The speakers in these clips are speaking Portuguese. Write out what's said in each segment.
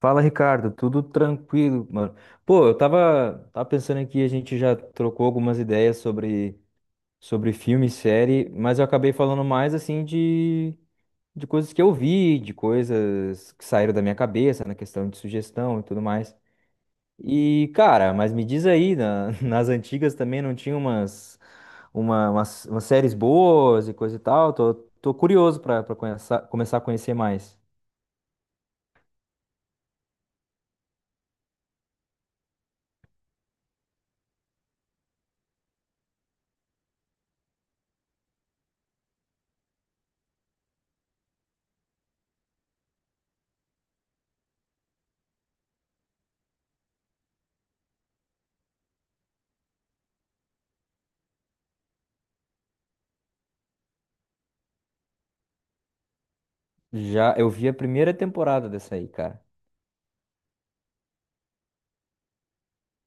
Fala, Ricardo, tudo tranquilo, mano. Pô, eu tava pensando aqui, a gente já trocou algumas ideias sobre filme, e série, mas eu acabei falando mais assim de coisas que eu vi, de coisas que saíram da minha cabeça na questão de sugestão e tudo mais. E, cara, mas me diz aí, nas antigas também não tinha umas séries boas e coisa e tal? Tô curioso pra conhecer, começar a conhecer mais. Já eu vi a primeira temporada dessa aí, cara.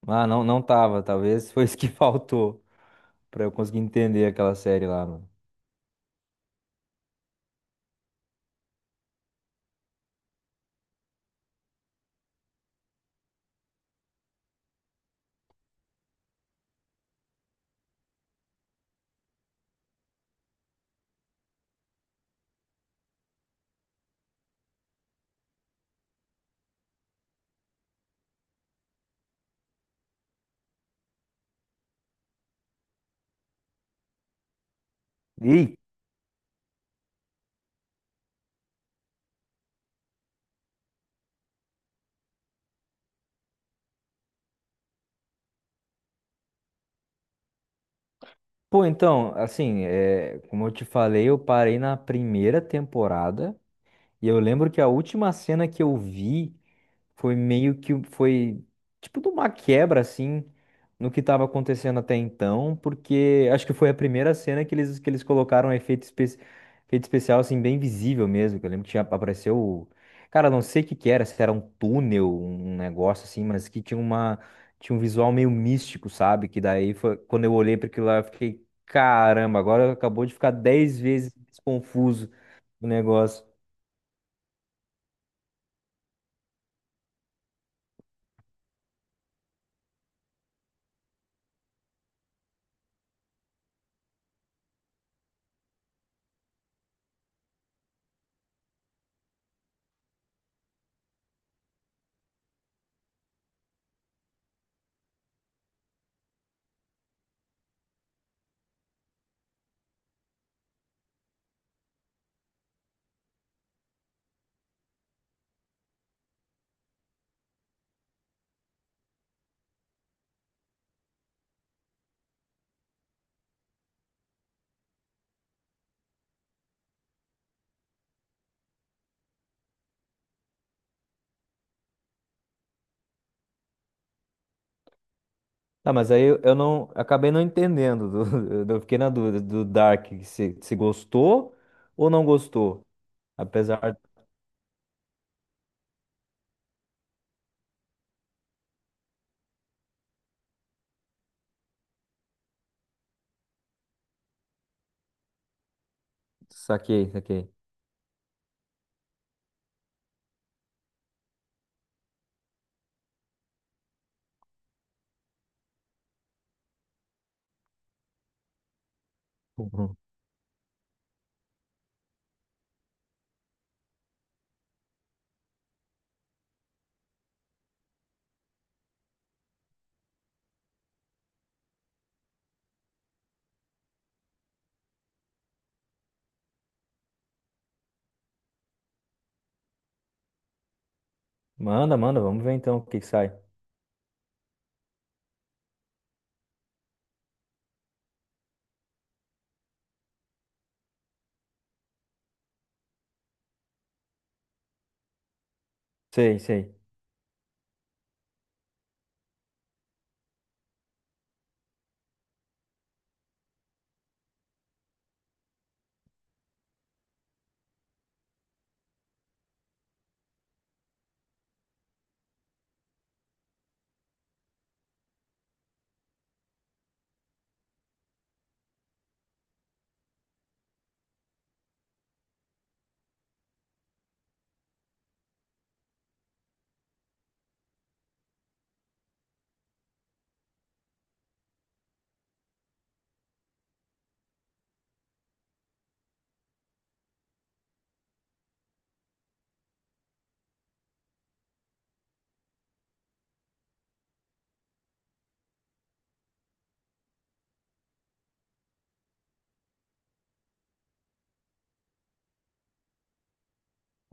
Ah, não tava. Talvez foi isso que faltou pra eu conseguir entender aquela série lá, mano. E, Pô, então, assim, é, como eu te falei, eu parei na primeira temporada e eu lembro que a última cena que eu vi. Foi meio que foi tipo de uma quebra assim no que estava acontecendo até então, porque acho que foi a primeira cena que eles colocaram um efeito especial assim bem visível mesmo, que eu lembro que tinha apareceu, cara, não sei o que que era, se era um túnel, um negócio assim, mas que tinha uma tinha um visual meio místico, sabe? Que daí foi quando eu olhei para aquilo lá, eu fiquei, caramba, agora acabou de ficar 10 vezes mais confuso o negócio. Ah, mas aí eu não acabei não entendendo. Eu fiquei na dúvida do Dark se gostou ou não gostou. Apesar. Saquei, saquei. Uhum. Manda, manda, vamos ver então o que que sai. Sei, sei.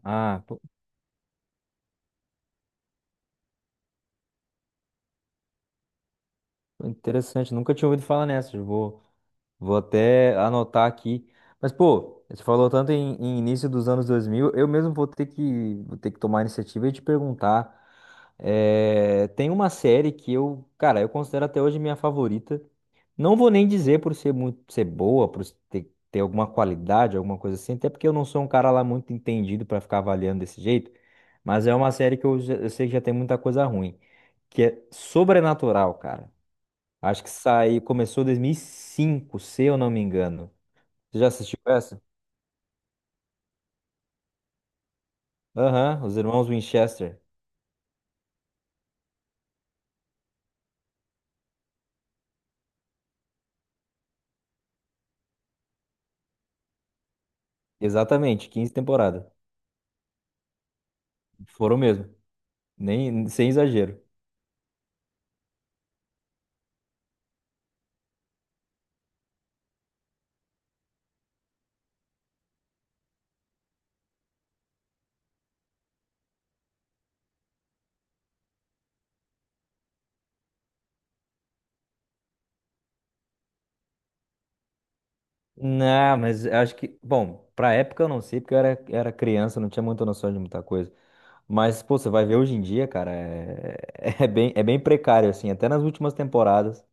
Ah, pô, interessante. Nunca tinha ouvido falar nessa. Vou até anotar aqui. Mas, pô, você falou tanto em início dos anos 2000, eu mesmo vou ter que tomar a iniciativa e te perguntar. É, tem uma série que eu, cara, eu considero até hoje minha favorita. Não vou nem dizer por ser boa, por ter alguma qualidade, alguma coisa assim, até porque eu não sou um cara lá muito entendido pra ficar avaliando desse jeito. Mas é uma série que eu sei que já tem muita coisa ruim, que é Sobrenatural, cara. Acho que saiu, começou em 2005, se eu não me engano. Você já assistiu essa? Aham, Os Irmãos Winchester. Exatamente, 15 temporadas. Foram mesmo, nem sem exagero. Não, mas acho que, bom, pra época eu não sei, porque era criança, não tinha muita noção de muita coisa. Mas, pô, você vai ver hoje em dia, cara, é, é bem precário, assim, até nas últimas temporadas.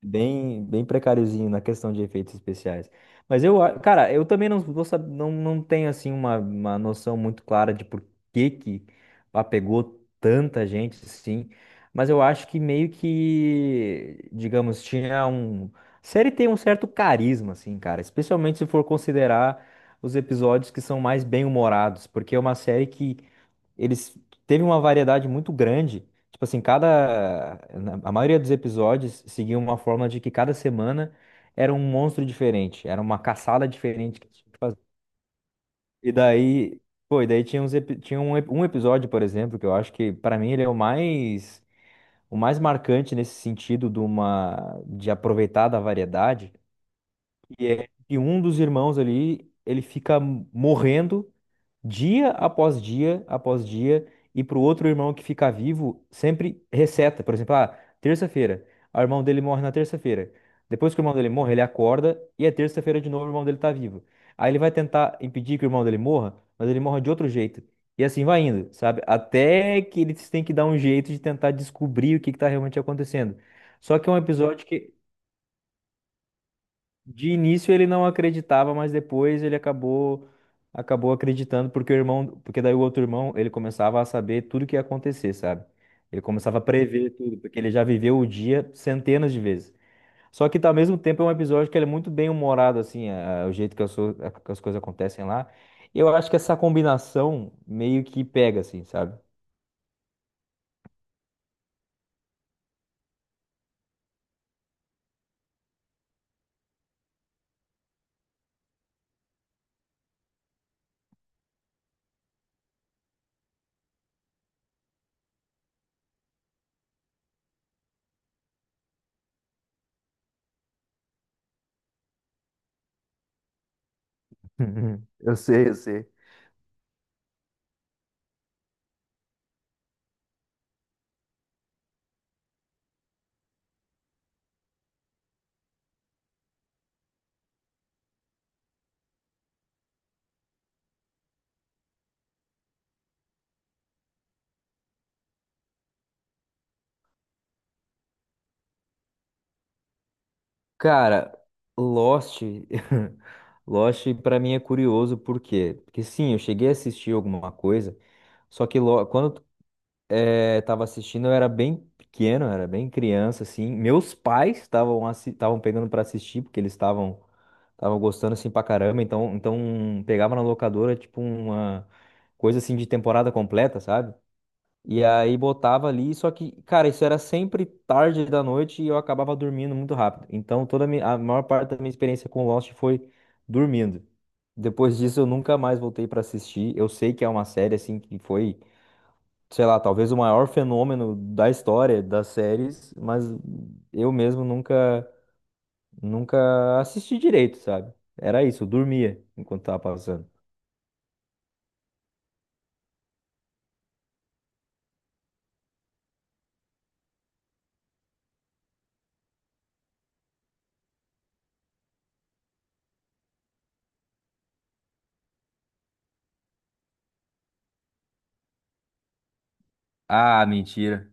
Bem precáriozinho na questão de efeitos especiais. Mas cara, eu também não vou saber, não, não tenho assim uma noção muito clara de por que que apegou tanta gente assim, mas eu acho que meio que, digamos, a série tem um certo carisma assim, cara, especialmente se for considerar os episódios que são mais bem-humorados, porque é uma série que eles teve uma variedade muito grande. Tipo assim, a maioria dos episódios seguia uma forma de que cada semana era um monstro diferente, era uma caçada diferente que tinha que fazer. E daí, pô, e daí tinha um episódio, por exemplo, que eu acho que pra mim ele é o mais marcante nesse sentido de uma de aproveitar da variedade, e é que um dos irmãos ali, ele fica morrendo dia após dia após dia, e pro outro irmão que ficar vivo, sempre receta. Por exemplo, ah, terça-feira, ah, o irmão dele morre na terça-feira. Depois que o irmão dele morre, ele acorda e é terça-feira de novo, o irmão dele tá vivo. Aí ele vai tentar impedir que o irmão dele morra, mas ele morre de outro jeito. E assim vai indo, sabe? Até que eles têm que dar um jeito de tentar descobrir o que que tá realmente acontecendo. Só que é um episódio que de início ele não acreditava, mas depois ele acabou acreditando porque daí o outro irmão, ele começava a saber tudo que ia acontecer, sabe? Ele começava a prever tudo, porque ele já viveu o dia centenas de vezes. Só que tá ao mesmo tempo é um episódio que ele é muito bem humorado assim, o jeito que que as coisas acontecem lá. Eu acho que essa combinação meio que pega assim, sabe? Eu sei, eu sei. Cara, Lost, Lost pra mim é curioso por quê? Porque sim, eu cheguei a assistir alguma coisa, só que tava assistindo eu era bem pequeno, eu era bem criança assim. Meus pais estavam pegando pra assistir porque eles estavam gostando assim pra caramba, então pegava na locadora tipo uma coisa assim de temporada completa, sabe? E aí botava ali, só que, cara, isso era sempre tarde da noite e eu acabava dormindo muito rápido. Então, a maior parte da minha experiência com Lost foi dormindo. Depois disso, eu nunca mais voltei pra assistir. Eu sei que é uma série, assim, que foi, sei lá, talvez o maior fenômeno da história das séries, mas eu mesmo nunca assisti direito, sabe? Era isso, eu dormia enquanto tava passando. Ah, mentira.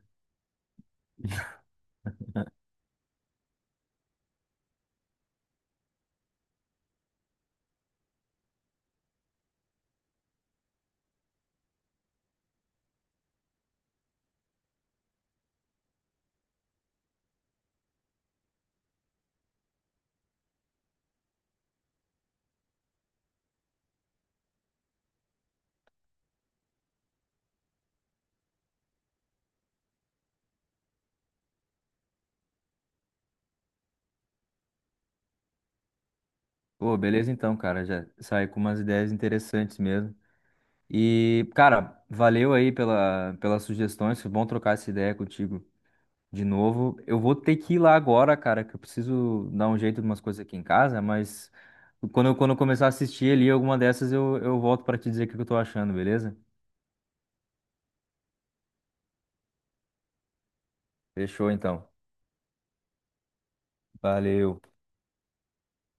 Pô, beleza então, cara. Já saí com umas ideias interessantes mesmo. E, cara, valeu aí pelas sugestões. Foi bom trocar essa ideia contigo de novo. Eu vou ter que ir lá agora, cara, que eu preciso dar um jeito de umas coisas aqui em casa, mas quando eu começar a assistir ali alguma dessas, eu volto pra te dizer o que que eu tô achando, beleza? Fechou então. Valeu.